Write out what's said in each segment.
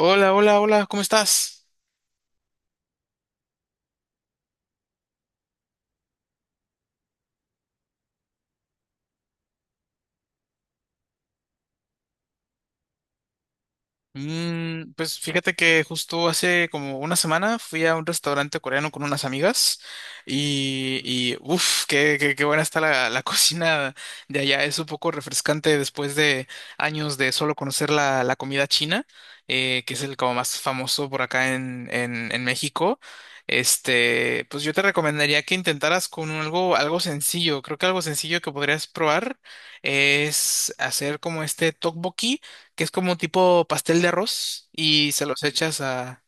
Hola, hola, hola, ¿cómo estás? Pues fíjate que justo hace como una semana fui a un restaurante coreano con unas amigas y uff, qué buena está la cocina de allá. Es un poco refrescante después de años de solo conocer la comida china, que es el como más famoso por acá en, en México. Pues yo te recomendaría que intentaras con algo, algo sencillo. Creo que algo sencillo que podrías probar es hacer como este tteokbokki que es como tipo pastel de arroz y se los echas a...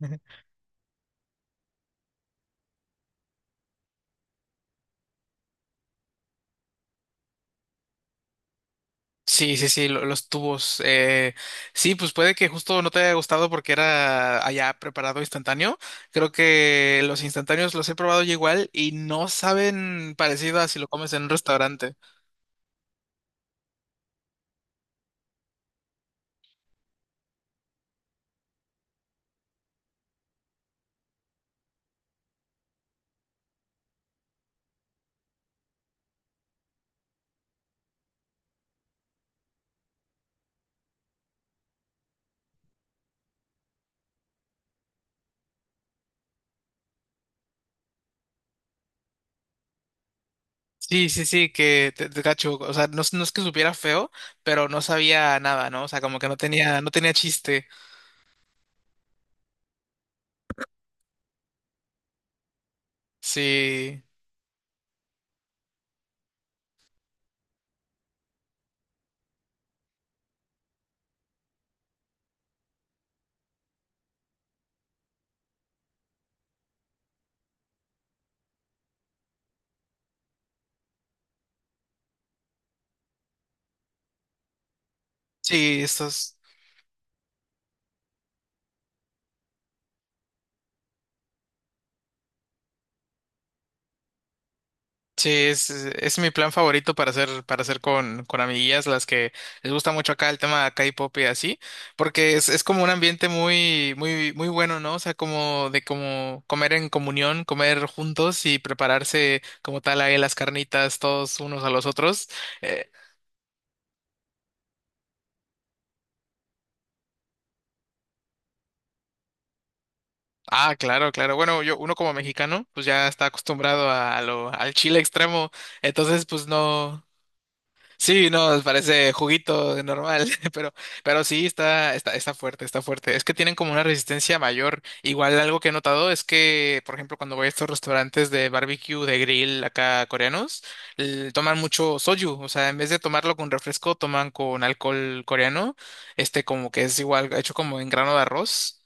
Ujú. Sí, sí, sí, los tubos. Sí, pues puede que justo no te haya gustado porque era allá preparado instantáneo. Creo que los instantáneos los he probado yo igual y no saben parecido a si lo comes en un restaurante. Sí, sí, sí, que te cacho. O sea, no, no es que supiera feo, pero no sabía nada, ¿no? O sea, como que no tenía chiste. Sí, sí, estos. Sí, es mi plan favorito para hacer con amiguillas, las que les gusta mucho acá el tema K-pop y así, porque es como un ambiente muy, muy, muy bueno, ¿no? O sea, como de como comer en comunión, comer juntos y prepararse como tal ahí las carnitas todos unos a los otros. Eh, ah, claro, claro. Bueno, uno como mexicano, pues ya está acostumbrado al chile extremo, entonces pues no. Sí, no, parece juguito de normal, pero, pero sí está, está fuerte, está fuerte. Es que tienen como una resistencia mayor. Igual algo que he notado es que, por ejemplo, cuando voy a estos restaurantes de barbecue, de grill acá coreanos, toman mucho soju. O sea, en vez de tomarlo con refresco, toman con alcohol coreano, como que es igual hecho como en grano de arroz.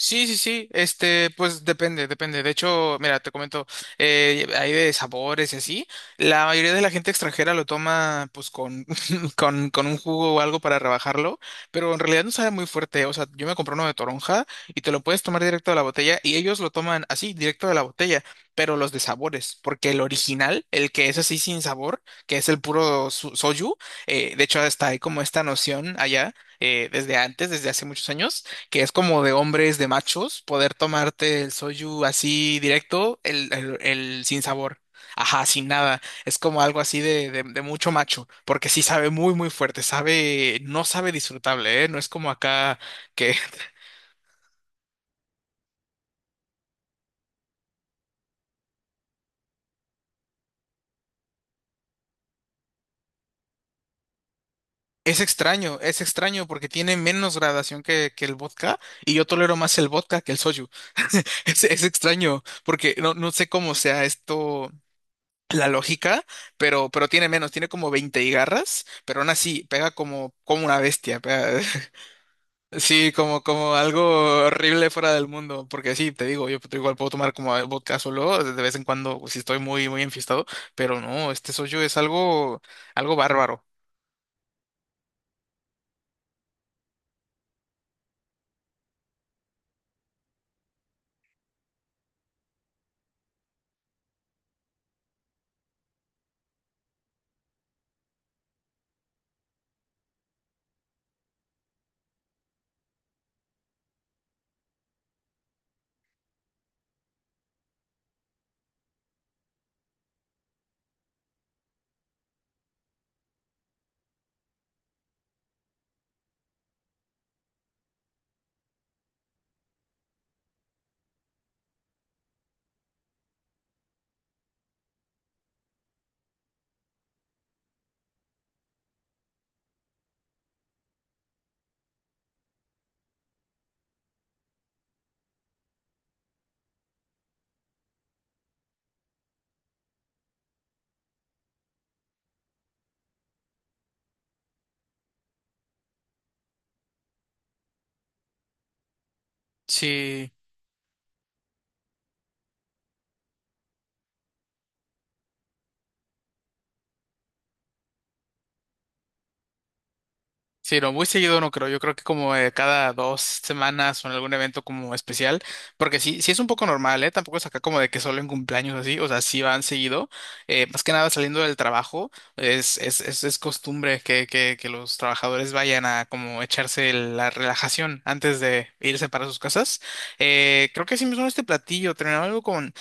Sí, sí, sí, pues depende, depende. De hecho, mira, te comento, hay de sabores y así. La mayoría de la gente extranjera lo toma, pues, con, con un jugo o algo para rebajarlo, pero en realidad no sabe muy fuerte. O sea, yo me compré uno de toronja y te lo puedes tomar directo de la botella y ellos lo toman así, directo de la botella, pero los de sabores, porque el original, el que es así sin sabor, que es el puro soju, de hecho, hasta hay como esta noción allá, desde antes, desde hace muchos años que es como de hombres, de machos, poder tomarte el soju así directo, el sin sabor. Ajá, sin nada. Es como algo así de mucho macho, porque sí sabe muy, muy fuerte, no sabe disfrutable, ¿eh? No es como acá que es extraño porque tiene menos gradación que el vodka y yo tolero más el vodka que el soju. Es extraño porque no sé cómo sea esto la lógica, pero tiene menos, tiene como 20 y garras, pero aún así pega como una bestia, pega- sí, como algo horrible fuera del mundo, porque sí, te digo, yo igual puedo tomar como vodka solo de vez en cuando si estoy muy, muy enfiestado, pero no, este soyo es algo, algo bárbaro. Sí. Sí, no, muy seguido no creo. Yo creo que como cada 2 semanas o en algún evento como especial, porque sí, sí es un poco normal, ¿eh? Tampoco es acá como de que solo en cumpleaños así, o sea, sí van seguido. Más que nada saliendo del trabajo, es costumbre que los trabajadores vayan a como echarse la relajación antes de irse para sus casas. Creo que sí me suena este platillo, terminaba algo con,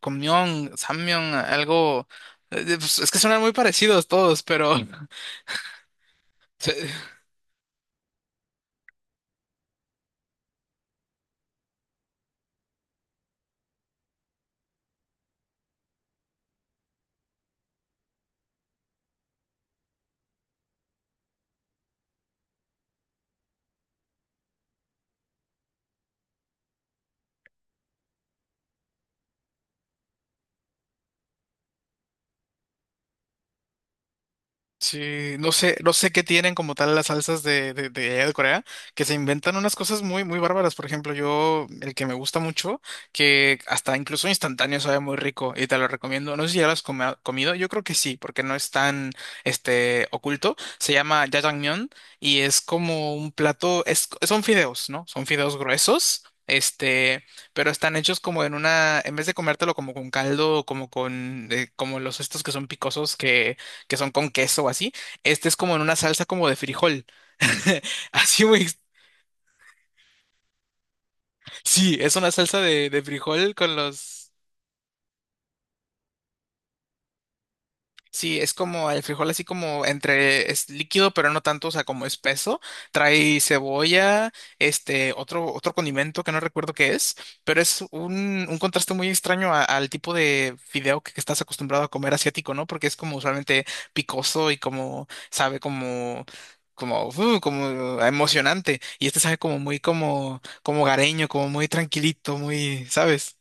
Myeon, Sammyeon, algo... Pues, es que suenan muy parecidos todos, pero... Sí, no sé, no sé qué tienen como tal las salsas de allá de Corea, que se inventan unas cosas muy, muy bárbaras. Por ejemplo, yo, el que me gusta mucho, que hasta incluso instantáneo sabe muy rico y te lo recomiendo. No sé si ya lo has comido, yo creo que sí, porque no es tan, oculto. Se llama jajangmyeon y es como un plato, son fideos, ¿no? Son fideos gruesos. Pero están hechos como en vez de comértelo como con caldo, como con, como los estos que son picosos que son con queso o así. Este es como en una salsa como de frijol. Así muy... Sí, es una salsa de frijol con los... Sí, es como el frijol así como entre es líquido, pero no tanto, o sea, como espeso. Trae cebolla, otro, otro condimento que no recuerdo qué es, pero es un contraste muy extraño al tipo de fideo que estás acostumbrado a comer asiático, ¿no? Porque es como usualmente picoso y como sabe como emocionante y este sabe como muy como gareño, como muy tranquilito, muy, ¿sabes?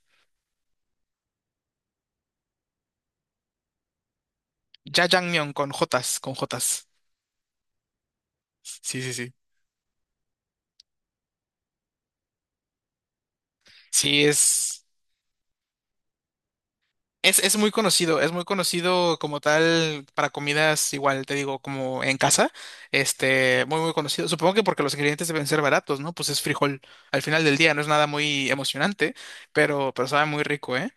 Jajangmyeon con jotas, con jotas. Sí, sí, sí. Sí, es. Es muy conocido como tal para comidas igual, te digo, como en casa, muy muy conocido. Supongo que porque los ingredientes deben ser baratos, ¿no? Pues es frijol al final del día, no es nada muy emocionante, pero sabe muy rico, ¿eh?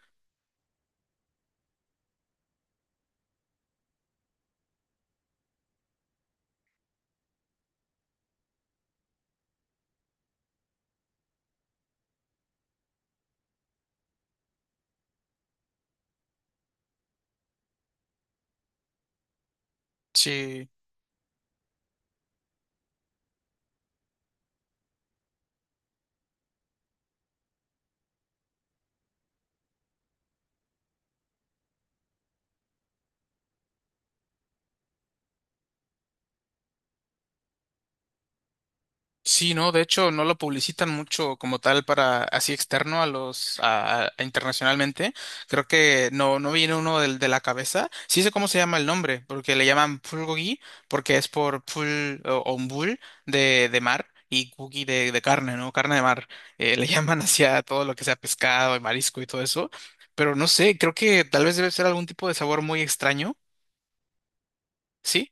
Sí. Sí, no, de hecho no lo publicitan mucho como tal para así externo a los a internacionalmente. Creo que no viene uno de la cabeza. Sí sé cómo se llama el nombre, porque le llaman pulgogi porque es por pul o un bull de mar y gogi de carne, ¿no? Carne de mar. Le llaman hacia todo lo que sea pescado y marisco y todo eso. Pero no sé, creo que tal vez debe ser algún tipo de sabor muy extraño. ¿Sí?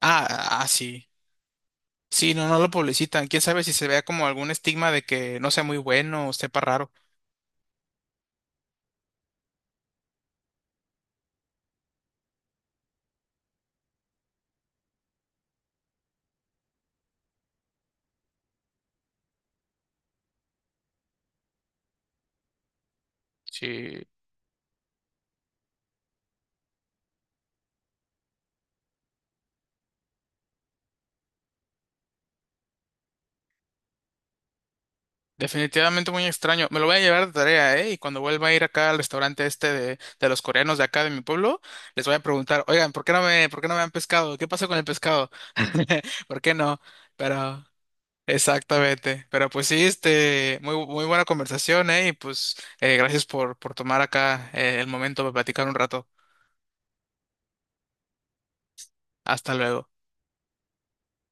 Ah, ah, sí. Sí, no, no lo publicitan. Quién sabe si se vea como algún estigma de que no sea muy bueno o sepa raro. Sí, definitivamente muy extraño. Me lo voy a llevar de tarea, ¿eh? Y cuando vuelva a ir acá al restaurante este de los coreanos de acá de mi pueblo, les voy a preguntar, oigan, por qué no me han pescado? ¿Qué pasó con el pescado? ¿Por qué no? Pero, exactamente. Pero pues sí, muy, muy buena conversación, ¿eh? Y pues, gracias por tomar acá, el momento para platicar un rato. Hasta luego.